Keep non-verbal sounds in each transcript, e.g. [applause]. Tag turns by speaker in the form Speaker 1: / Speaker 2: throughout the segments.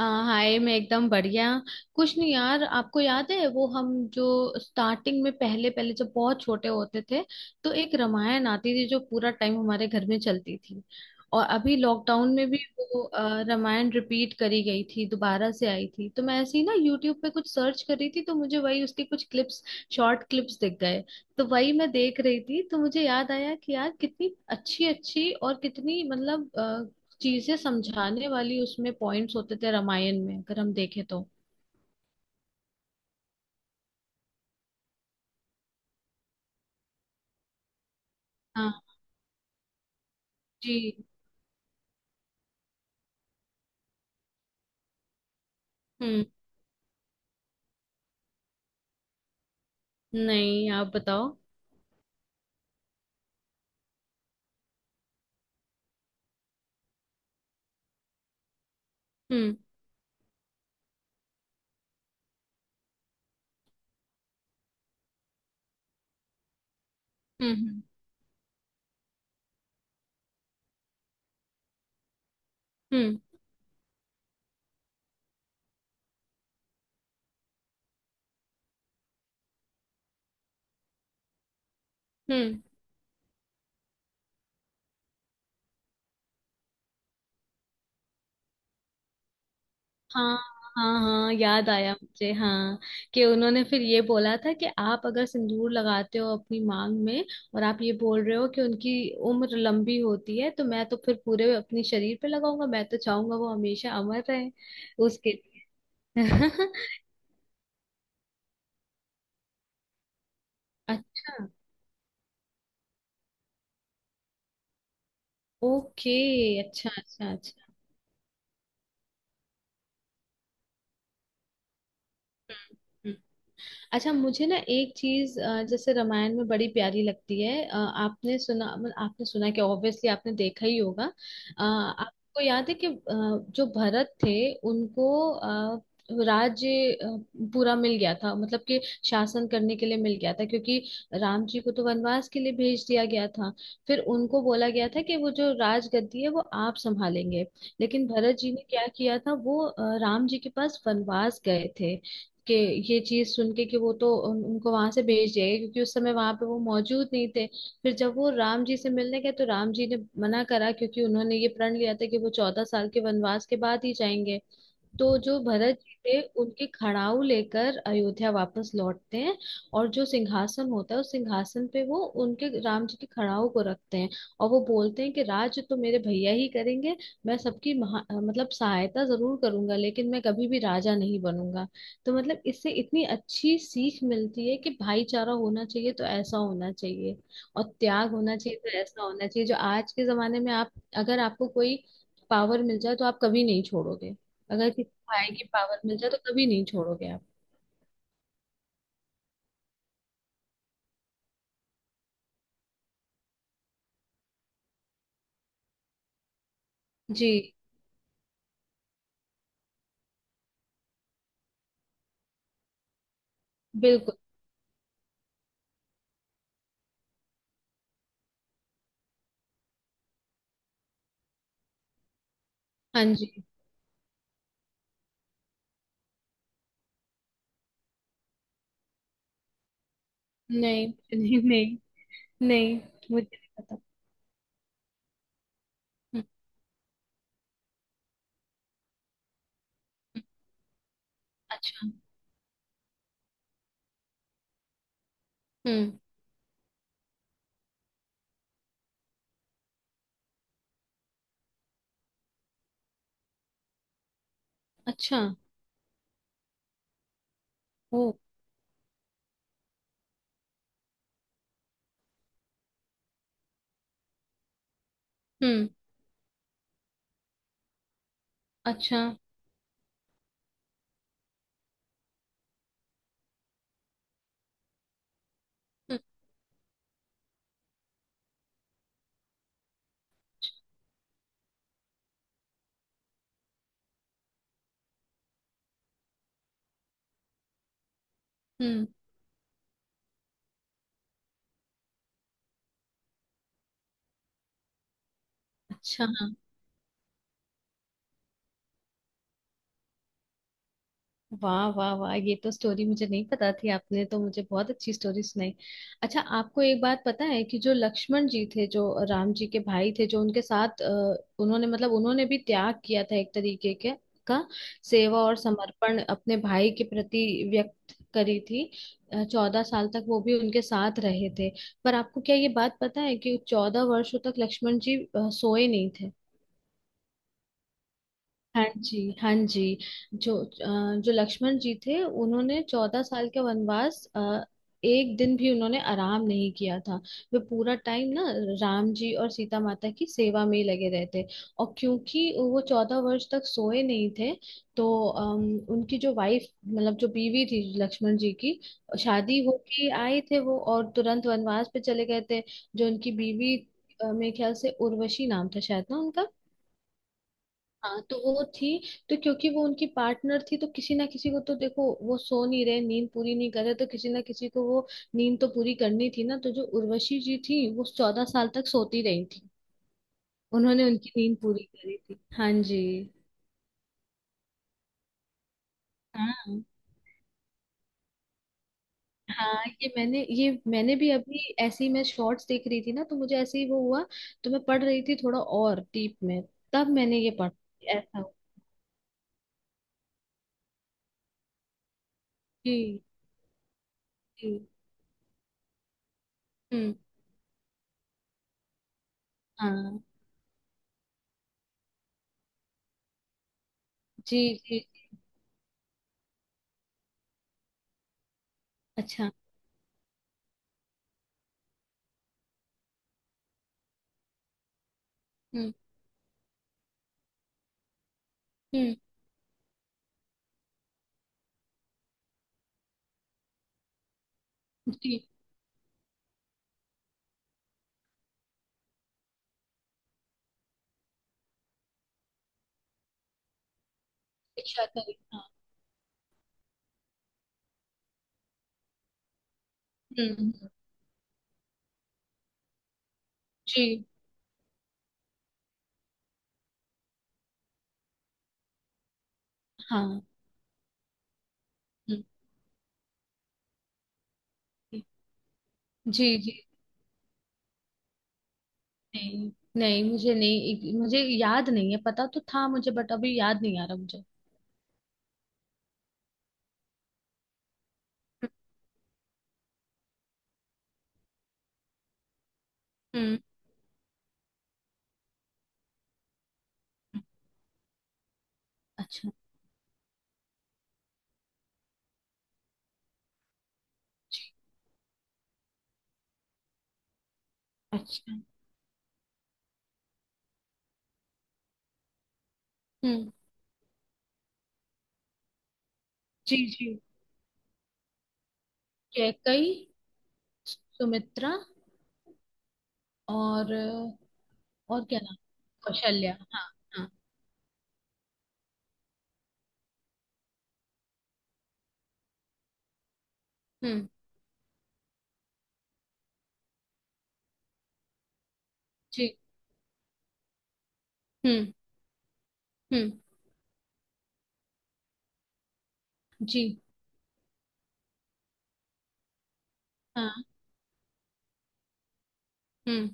Speaker 1: हाय, मैं एकदम बढ़िया। कुछ नहीं यार, आपको याद है वो हम जो स्टार्टिंग में पहले पहले जब बहुत छोटे होते थे तो एक रामायण आती थी जो पूरा टाइम हमारे घर में चलती थी। और अभी लॉकडाउन में भी वो रामायण रिपीट करी गई थी, दोबारा से आई थी, तो मैं ऐसे ही ना यूट्यूब पे कुछ सर्च कर रही थी तो मुझे वही उसके कुछ क्लिप्स, शॉर्ट क्लिप्स दिख गए। तो वही मैं देख रही थी तो मुझे याद आया कि यार, कितनी अच्छी अच्छी और कितनी, मतलब, चीजें समझाने वाली उसमें पॉइंट्स होते थे रामायण में, अगर हम देखें तो। हाँ जी। हम्म। नहीं, आप बताओ। हम्म। हम्म। हम्म। हम्म। हाँ, हाँ, हाँ, याद आया मुझे, हाँ, कि उन्होंने फिर ये बोला था कि आप अगर सिंदूर लगाते हो अपनी मांग में और आप ये बोल रहे हो कि उनकी उम्र लंबी होती है, तो मैं तो फिर पूरे अपने शरीर पे लगाऊंगा। मैं तो चाहूंगा वो हमेशा अमर रहे उसके लिए। [laughs] अच्छा। ओके। अच्छा, अच्छा, अच्छा। हम्म। अच्छा, मुझे ना एक चीज, जैसे, रामायण में बड़ी प्यारी लगती है। आपने सुना, मतलब आपने सुना, कि ऑब्वियसली आपने देखा ही होगा। आपको याद है कि जो भरत थे उनको अ, राज्य, पूरा मिल गया था, मतलब कि शासन करने के लिए मिल गया था, क्योंकि राम जी को तो वनवास के लिए भेज दिया गया था। फिर उनको बोला गया था कि वो जो राजगद्दी है वो आप संभालेंगे। लेकिन भरत जी ने क्या किया था, वो राम जी के पास वनवास गए थे, कि ये चीज सुन के कि वो तो उनको वहां से भेज जाएगा, क्योंकि उस समय वहां पे वो मौजूद नहीं थे। फिर जब वो राम जी से मिलने गए तो राम जी ने मना करा, क्योंकि उन्होंने ये प्रण लिया था कि वो 14 साल के वनवास के बाद ही जाएंगे। तो जो भरत जी थे उनके खड़ाऊ लेकर अयोध्या वापस लौटते हैं, और जो सिंहासन होता है उस सिंहासन पे वो उनके, राम जी के खड़ाऊ को रखते हैं। और वो बोलते हैं कि राज तो मेरे भैया ही करेंगे, मैं सबकी महा, मतलब सहायता जरूर करूंगा, लेकिन मैं कभी भी राजा नहीं बनूंगा। तो मतलब इससे इतनी अच्छी सीख मिलती है कि भाईचारा होना चाहिए तो ऐसा होना चाहिए, और त्याग होना चाहिए तो ऐसा होना चाहिए। जो आज के जमाने में आप, अगर आपको कोई पावर मिल जाए तो आप कभी नहीं छोड़ोगे। अगर भाई की पावर मिल जाए तो कभी नहीं छोड़ोगे आप। जी। बिल्कुल। हाँ जी। नहीं नहीं नहीं, नहीं, मुझे नहीं पता। हम्म, हम्म। अच्छा। हम्म। अच्छा। ओ। हम्म। अच्छा। हम्म। हम्म। अच्छा। हाँ। वाह, वाह, वाह, ये तो स्टोरी मुझे नहीं पता थी। आपने तो मुझे बहुत अच्छी स्टोरी सुनाई। अच्छा, आपको एक बात पता है कि जो लक्ष्मण जी थे, जो राम जी के भाई थे, जो उनके साथ उन्होंने भी त्याग किया था, एक तरीके के का सेवा और समर्पण अपने भाई के प्रति व्यक्त करी थी। चौदह साल तक वो भी उनके साथ रहे थे। पर आपको क्या ये बात पता है कि 14 वर्षों तक लक्ष्मण जी सोए नहीं थे? हाँ जी, हाँ जी, जो जो लक्ष्मण जी थे उन्होंने चौदह साल के वनवास एक दिन भी उन्होंने आराम नहीं किया था। वे पूरा टाइम ना राम जी और सीता माता की सेवा में ही लगे रहते। और क्योंकि वो 14 वर्ष तक सोए नहीं थे, तो उनकी जो वाइफ, मतलब जो बीवी थी लक्ष्मण जी की, शादी होके आए थे वो और तुरंत वनवास पे चले गए थे। जो उनकी बीवी, मेरे ख्याल से उर्वशी नाम था शायद, ना? हाँ, तो वो थी। तो क्योंकि वो उनकी पार्टनर थी, तो किसी ना किसी को तो, देखो, वो सो नहीं रहे, नींद पूरी नहीं कर रहे, तो किसी ना किसी को वो नींद तो पूरी करनी थी ना। तो जो उर्वशी जी थी वो 14 साल तक सोती रही थी। उन्होंने उनकी नींद पूरी करी थी। हाँ जी। हाँ, हाँ, ये मैंने, ये मैंने भी अभी ऐसे ही, मैं शॉर्ट्स देख रही थी ना तो मुझे ऐसे ही वो हुआ, तो मैं पढ़ रही थी थोड़ा और डीप में, तब मैंने ये पढ़ा ऐसा हुआ। जी जी। हम्म। हाँ। जी, जी। अच्छा। हम्म। हम्म। जी। शिक्षा करें, हाँ। हुँ, हुँ। जी। हाँ। हुँ, हुँ। जी, जी। नहीं, नहीं, मुझे नहीं, मुझे याद नहीं है। पता तो था मुझे, बट अभी याद नहीं आ रहा मुझे। हम्म। अच्छा। अच्छा। हम्म। जी जी। कैकई। सुमित्रा। और और क्या नाम, कौशल्या, हाँ। हाँ। हम्म। जी। हम्म। हम्म। जी। हाँ। हम्म।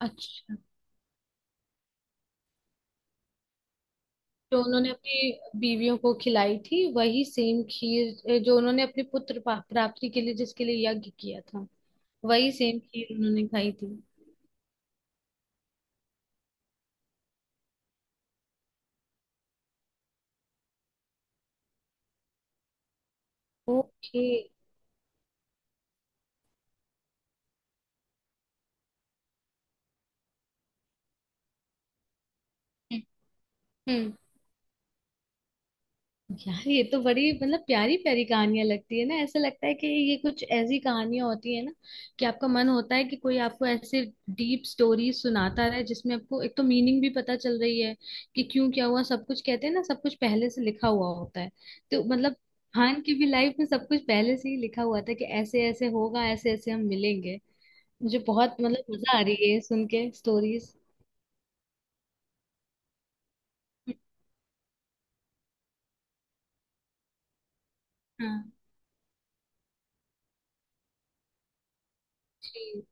Speaker 1: अच्छा। जो उन्होंने अपनी बीवियों को खिलाई थी, वही सेम खीर जो उन्होंने अपने पुत्र प्राप्ति के लिए जिसके लिए यज्ञ किया था, वही सेम खीर उन्होंने खाई थी। ओके। हम्म। यार, ये तो बड़ी, मतलब प्यारी प्यारी कहानियां लगती है ना, ऐसा लगता है कि ये कुछ ऐसी कहानियां होती है ना कि आपका मन होता है कि कोई आपको ऐसे डीप स्टोरी सुनाता रहे, जिसमें आपको एक तो मीनिंग भी पता चल रही है कि क्यों क्या हुआ। सब कुछ कहते हैं ना, सब कुछ पहले से लिखा हुआ होता है। तो मतलब, खान की भी लाइफ में सब कुछ पहले से ही लिखा हुआ था कि ऐसे ऐसे होगा, ऐसे ऐसे हम मिलेंगे। मुझे बहुत, मतलब मजा आ रही है ये सुन के स्टोरीज। हाँ जी।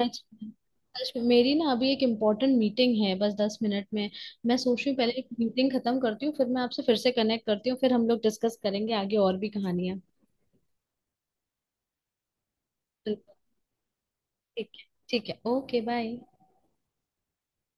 Speaker 1: सच में, सच में। मेरी ना अभी एक इम्पोर्टेंट मीटिंग है, बस 10 मिनट में। मैं सोच रही हूँ पहले एक मीटिंग खत्म करती हूँ, फिर मैं आपसे फिर से कनेक्ट करती हूँ, फिर हम लोग डिस्कस करेंगे आगे और भी कहानियाँ। बिल्कुल। ठीक है, ठीक है, ओके बाय।